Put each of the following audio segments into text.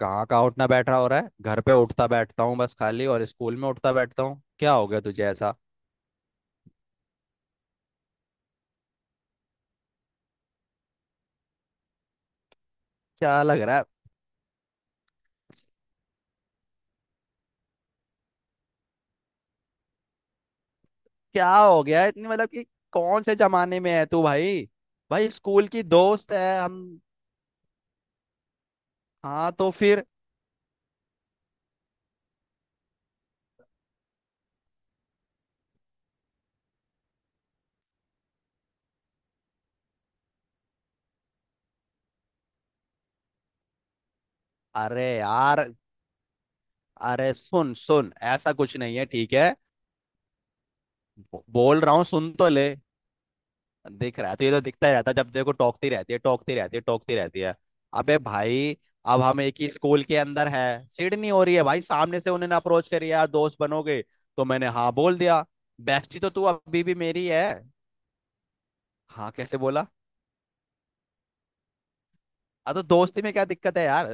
कहाँ कहाँ उठना बैठना हो रहा है? घर पे उठता बैठता हूँ बस खाली, और स्कूल में उठता बैठता हूँ। क्या हो गया तुझे ऐसा? क्या लग रहा है? क्या हो गया है इतनी, मतलब कि कौन से जमाने में है तू भाई? भाई स्कूल की दोस्त है हम। हाँ तो फिर? अरे यार। अरे सुन सुन, ऐसा कुछ नहीं है ठीक है। बोल रहा हूँ, सुन तो ले। दिख रहा है तो ये तो दिखता ही रहता है, जब देखो टोकती रहती है टोकती रहती है टोकती रहती है। अबे भाई, अब हम एक ही स्कूल के अंदर है। सीट नहीं हो रही है भाई, सामने से उन्होंने अप्रोच करी, यार दोस्त बनोगे, तो मैंने हाँ बोल दिया। बेस्टी तो तू अभी भी मेरी है। हाँ कैसे बोला? हाँ तो दोस्ती में क्या दिक्कत है यार।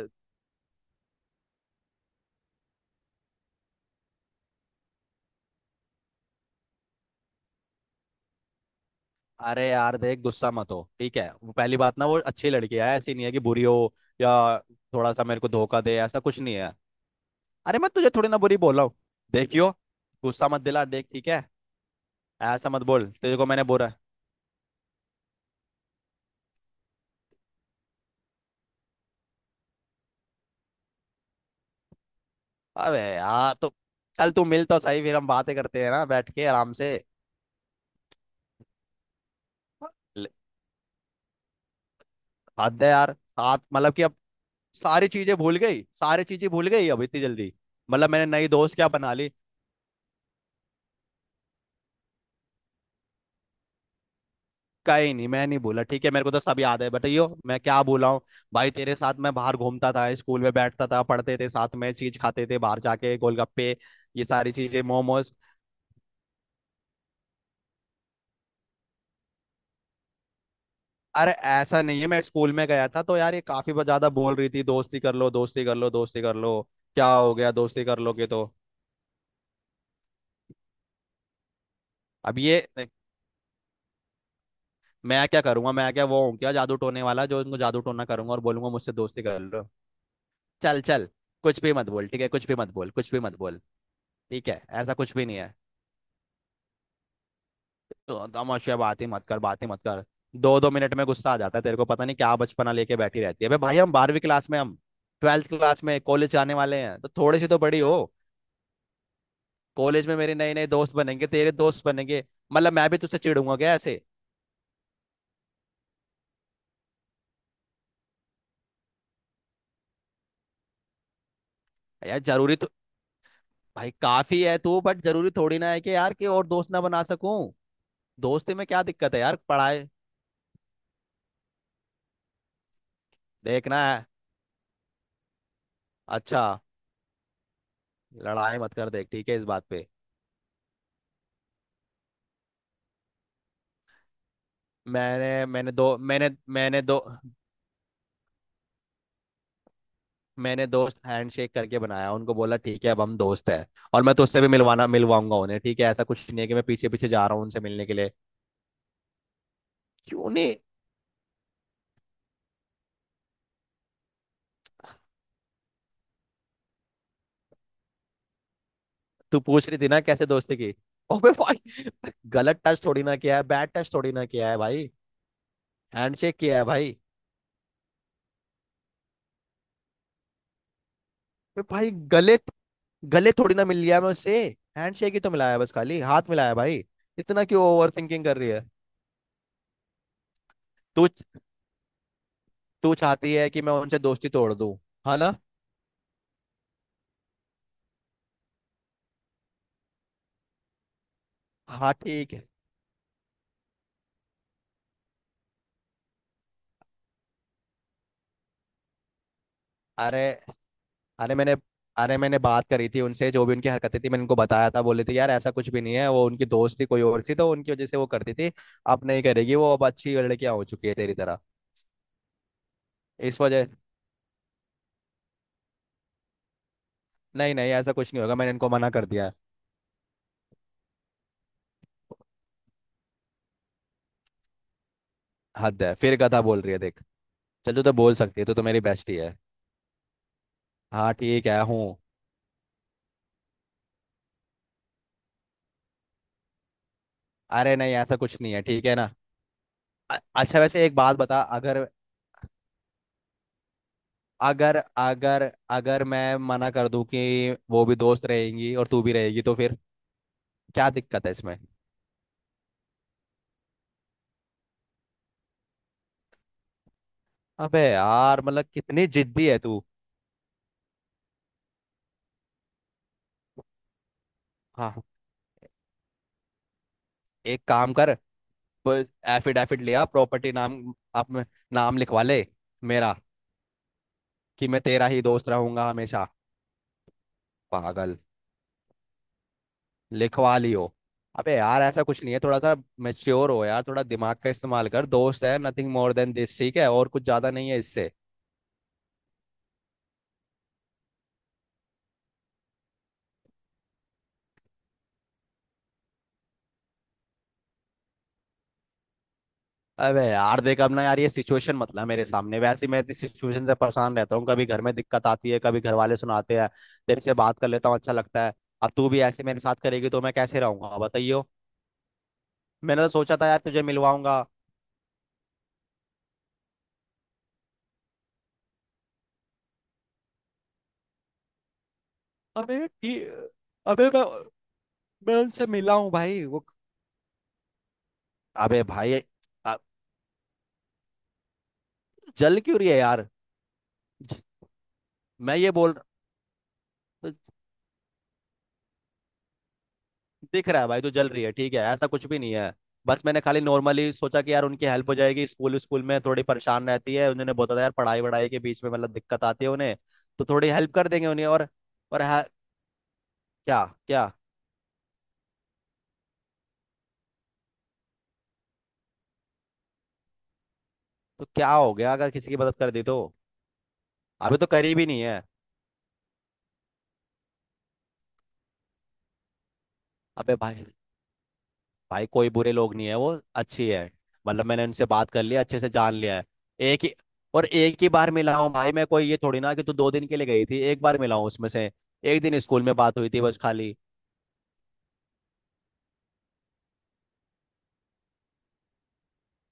अरे यार देख, गुस्सा मत हो ठीक है। वो पहली बात ना, वो अच्छी लड़की है, ऐसी नहीं है कि बुरी हो या थोड़ा सा मेरे को धोखा दे, ऐसा कुछ नहीं है। अरे मैं तुझे थोड़ी ना बुरी बोल रहा हूँ। देखियो, गुस्सा मत दिला देख ठीक है। ऐसा मत बोल, तेरे को मैंने बोला है। अबे यार तो, चल तू मिल तो सही, फिर हम बातें करते हैं ना बैठ के आराम से। ल- हद है यार, साथ मतलब कि अब सारी चीजें भूल गई, सारी चीजें भूल गई अब इतनी जल्दी? मतलब मैंने नई दोस्त क्या बना ली। कहीं नहीं, मैं नहीं भूला ठीक है, मेरे को तो सब याद है, बताइयो मैं क्या भूला हूँ। भाई तेरे साथ मैं बाहर घूमता था, स्कूल में बैठता था, पढ़ते थे साथ में, चीज खाते थे बाहर जाके, गोलगप्पे ये सारी चीजें, मोमोज। अरे ऐसा नहीं है, मैं स्कूल में गया था तो यार ये काफी ज्यादा बोल रही थी, दोस्ती कर लो दोस्ती कर लो दोस्ती कर लो। क्या हो गया दोस्ती कर लो के तो? अब ये मैं क्या करूंगा, मैं क्या वो हूँ क्या, जादू टोने वाला, जो इनको जादू टोना करूंगा और बोलूंगा मुझसे दोस्ती कर लो। चल चल, कुछ भी मत बोल ठीक है, कुछ भी मत बोल, कुछ भी मत बोल। ठीक है ऐसा कुछ भी नहीं है। तो तमाशा बातें मत कर, बातें मत कर। 2-2 मिनट में गुस्सा आ जाता है तेरे को, पता नहीं क्या बचपना लेके बैठी रहती है। अबे भाई, हम 12वीं क्लास में हम, 12th क्लास में, कॉलेज जाने वाले हैं, तो थोड़े से तो बड़ी हो। कॉलेज में मेरे नए नए दोस्त बनेंगे, तेरे दोस्त बनेंगे, मतलब मैं भी तुझसे चिढ़ूंगा क्या ऐसे? यार जरूरी तो, भाई काफी है तू, बट जरूरी थोड़ी ना है कि यार कि और दोस्त ना बना सकूं। दोस्ती में क्या दिक्कत है यार, पढ़ाई। देखना है। अच्छा, लड़ाई मत कर देख ठीक है, इस बात पे। मैंने मैंने दो मैंने मैंने दो मैंने दोस्त हैंडशेक करके बनाया, उनको बोला ठीक है अब हम दोस्त हैं। और मैं तो उससे भी मिलवाना मिलवाऊंगा उन्हें, ठीक है, ऐसा कुछ नहीं है कि मैं पीछे पीछे जा रहा हूँ उनसे मिलने के लिए। क्यों नहीं? तू पूछ रही थी ना कैसे दोस्ती की। ओबे भाई, गलत टच थोड़ी ना किया है, बैड टच थोड़ी ना किया है भाई। हैंडशेक किया है भाई। बे भाई, गले, गले थोड़ी ना मिल लिया मैं उससे, हैंडशेक ही तो मिलाया है, बस खाली हाथ मिलाया है भाई। इतना क्यों ओवर थिंकिंग कर रही है? तू, तू चाहती है कि मैं उनसे दोस्ती तोड़ दूं, हाँ ना? हाँ ठीक है। अरे, अरे मैंने अरे मैंने बात करी थी उनसे, जो भी उनकी हरकतें थी मैंने उनको बताया था, बोले थे यार ऐसा कुछ भी नहीं है, वो उनकी दोस्त थी कोई और सी, तो उनकी वजह से वो करती थी। अब नहीं करेगी वो, अब अच्छी लड़कियां हो चुकी है तेरी तरह। इस वजह, नहीं नहीं ऐसा कुछ नहीं होगा, मैंने इनको मना कर दिया है। हद है, फिर गधा बोल रही है देख। चल, तू तो बोल सकती है, तू तो मेरी बेस्टी है। हाँ ठीक है, हूँ। अरे नहीं ऐसा कुछ नहीं है ठीक है ना। अच्छा वैसे एक बात बता, अगर अगर अगर अगर मैं मना कर दूं कि वो भी दोस्त रहेंगी और तू भी रहेगी तो फिर? क्या दिक्कत है इसमें? अबे यार, मतलब कितनी जिद्दी है तू। हाँ, एक काम कर, एफिडेविट लिया, प्रॉपर्टी नाम अपने नाम लिखवा ले, मेरा, कि मैं तेरा ही दोस्त रहूंगा हमेशा। पागल, लिखवाली हो। अबे यार ऐसा कुछ नहीं है, थोड़ा सा मेच्योर हो यार, थोड़ा दिमाग का इस्तेमाल कर, दोस्त है, नथिंग मोर देन दिस, ठीक है, और कुछ ज्यादा नहीं है इससे। अबे यार देख, अब ना यार, ये सिचुएशन मत ला मेरे सामने, वैसे ही मैं इस सिचुएशन से परेशान रहता हूँ, कभी घर में दिक्कत आती है, कभी घर वाले सुनाते हैं, तेरे से बात कर लेता हूँ अच्छा लगता है। अब तू भी ऐसे मेरे साथ करेगी तो मैं कैसे रहूंगा बताइयो। मैंने तो सोचा था यार तुझे मिलवाऊंगा। अबे ठीक अबे मैं उनसे मिला हूँ भाई, वो। अबे भाई, अ- जल क्यों रही है यार? मैं ये बोल दिख रहा है भाई, तो जल रही है ठीक है, ऐसा कुछ भी नहीं है। बस मैंने खाली नॉर्मली सोचा कि यार उनकी हेल्प हो जाएगी, स्कूल स्कूल में थोड़ी परेशान रहती है, उन्होंने बोला था यार पढ़ाई वढ़ाई के बीच में मतलब दिक्कत आती है उन्हें, तो थोड़ी हेल्प कर देंगे उन्हें, और हाँ। क्या क्या? तो क्या हो गया अगर किसी की मदद कर दी तो? अभी तो करीब ही नहीं है। अबे भाई, भाई कोई बुरे लोग नहीं है वो, अच्छी है। मतलब मैंने उनसे बात कर लिया, अच्छे से जान लिया है। एक ही, और एक ही बार मिला हूँ भाई मैं, कोई ये थोड़ी ना कि तू 2 दिन के लिए गई थी एक बार मिला हूँ उसमें से। एक दिन स्कूल में बात हुई थी बस खाली।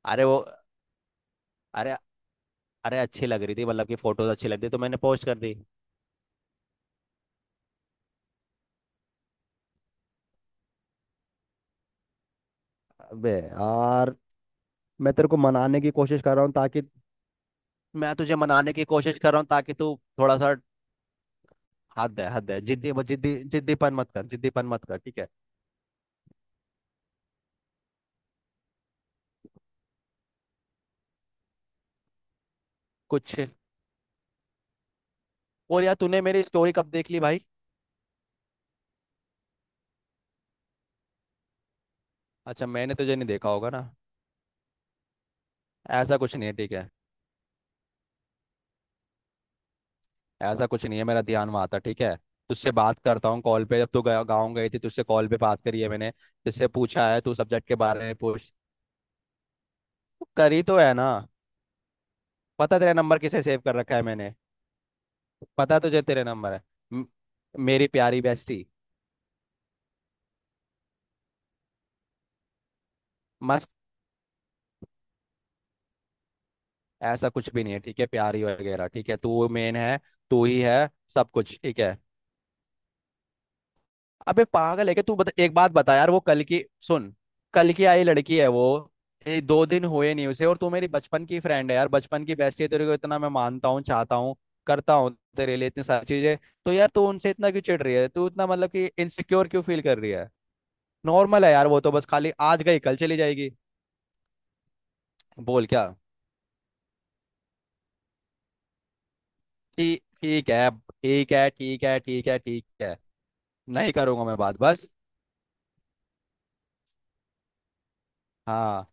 अरे वो, अरे, अच्छी लग रही थी, मतलब कि फोटोज अच्छी लग रही तो मैंने पोस्ट कर दी। अबे यार, मैं तेरे को मनाने की कोशिश कर रहा हूँ ताकि मैं तुझे मनाने की कोशिश कर रहा हूँ ताकि तू थोड़ा सा। हद है, हद है, जिद्दी जिद्दी जिद्दीपन मत कर, जिद्दीपन मत कर ठीक है। कुछ, और यार तूने मेरी स्टोरी कब देख ली भाई? अच्छा, मैंने तुझे नहीं देखा होगा ना। ऐसा कुछ नहीं है ठीक है, ऐसा कुछ नहीं है, मेरा ध्यान वहाँ था ठीक है। तुझसे बात करता हूँ कॉल पे, जब तू गया गाँव गई थी तुझसे कॉल पे बात करी है मैंने, तुझसे पूछा है, तू सब्जेक्ट के बारे में पूछ, तू करी तो है ना? पता तेरा नंबर किसे सेव कर रखा है मैंने, पता तुझे तेरे नंबर है? म- मेरी प्यारी बेस्टी, मस्त। ऐसा कुछ भी नहीं है ठीक है, प्यारी वगैरह ठीक है, तू मेन है, तू ही है, सब कुछ ठीक है। अबे पागल है क्या तू, बता एक बात बता यार, वो कल की सुन, कल की आई लड़की है वो, ये दो दिन हुए नहीं उसे, और तू मेरी बचपन की फ्रेंड है यार, बचपन की बेस्टी है, तेरे को इतना मैं मानता हूँ, चाहता हूँ, करता हूँ तेरे लिए इतनी सारी चीजें, तो यार तू उनसे इतना क्यों चिढ़ रही है, तू इतना मतलब कि इनसिक्योर क्यों फील कर रही है? नॉर्मल है यार वो, तो बस खाली आज गई कल चली जाएगी। बोल क्या? ठीक, ठीक है, ठीक है, ठीक है, ठीक है, ठीक है, नहीं करूंगा मैं बात बस। हाँ,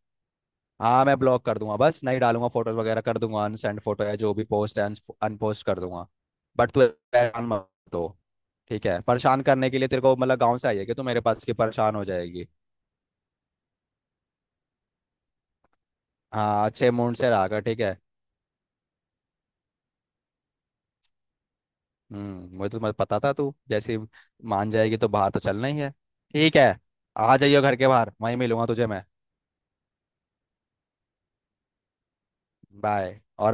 हाँ मैं ब्लॉक कर दूंगा, बस नहीं डालूंगा फोटोज वगैरह, कर दूंगा अनसेंड फोटो, या जो भी पोस्ट है अनपोस्ट कर दूंगा। बट तू परेशान मत हो ठीक है, परेशान करने के लिए तेरे को मतलब गाँव से आई है कि तू मेरे पास की परेशान हो जाएगी? हाँ अच्छे मूड से रहा कर ठीक है। हम्म, मुझे तो मत पता था, तू जैसे ही मान जाएगी तो बाहर तो चलना ही है, ठीक है, आ जाइयो घर के बाहर वहीं मिलूंगा तुझे मैं। बाय, और।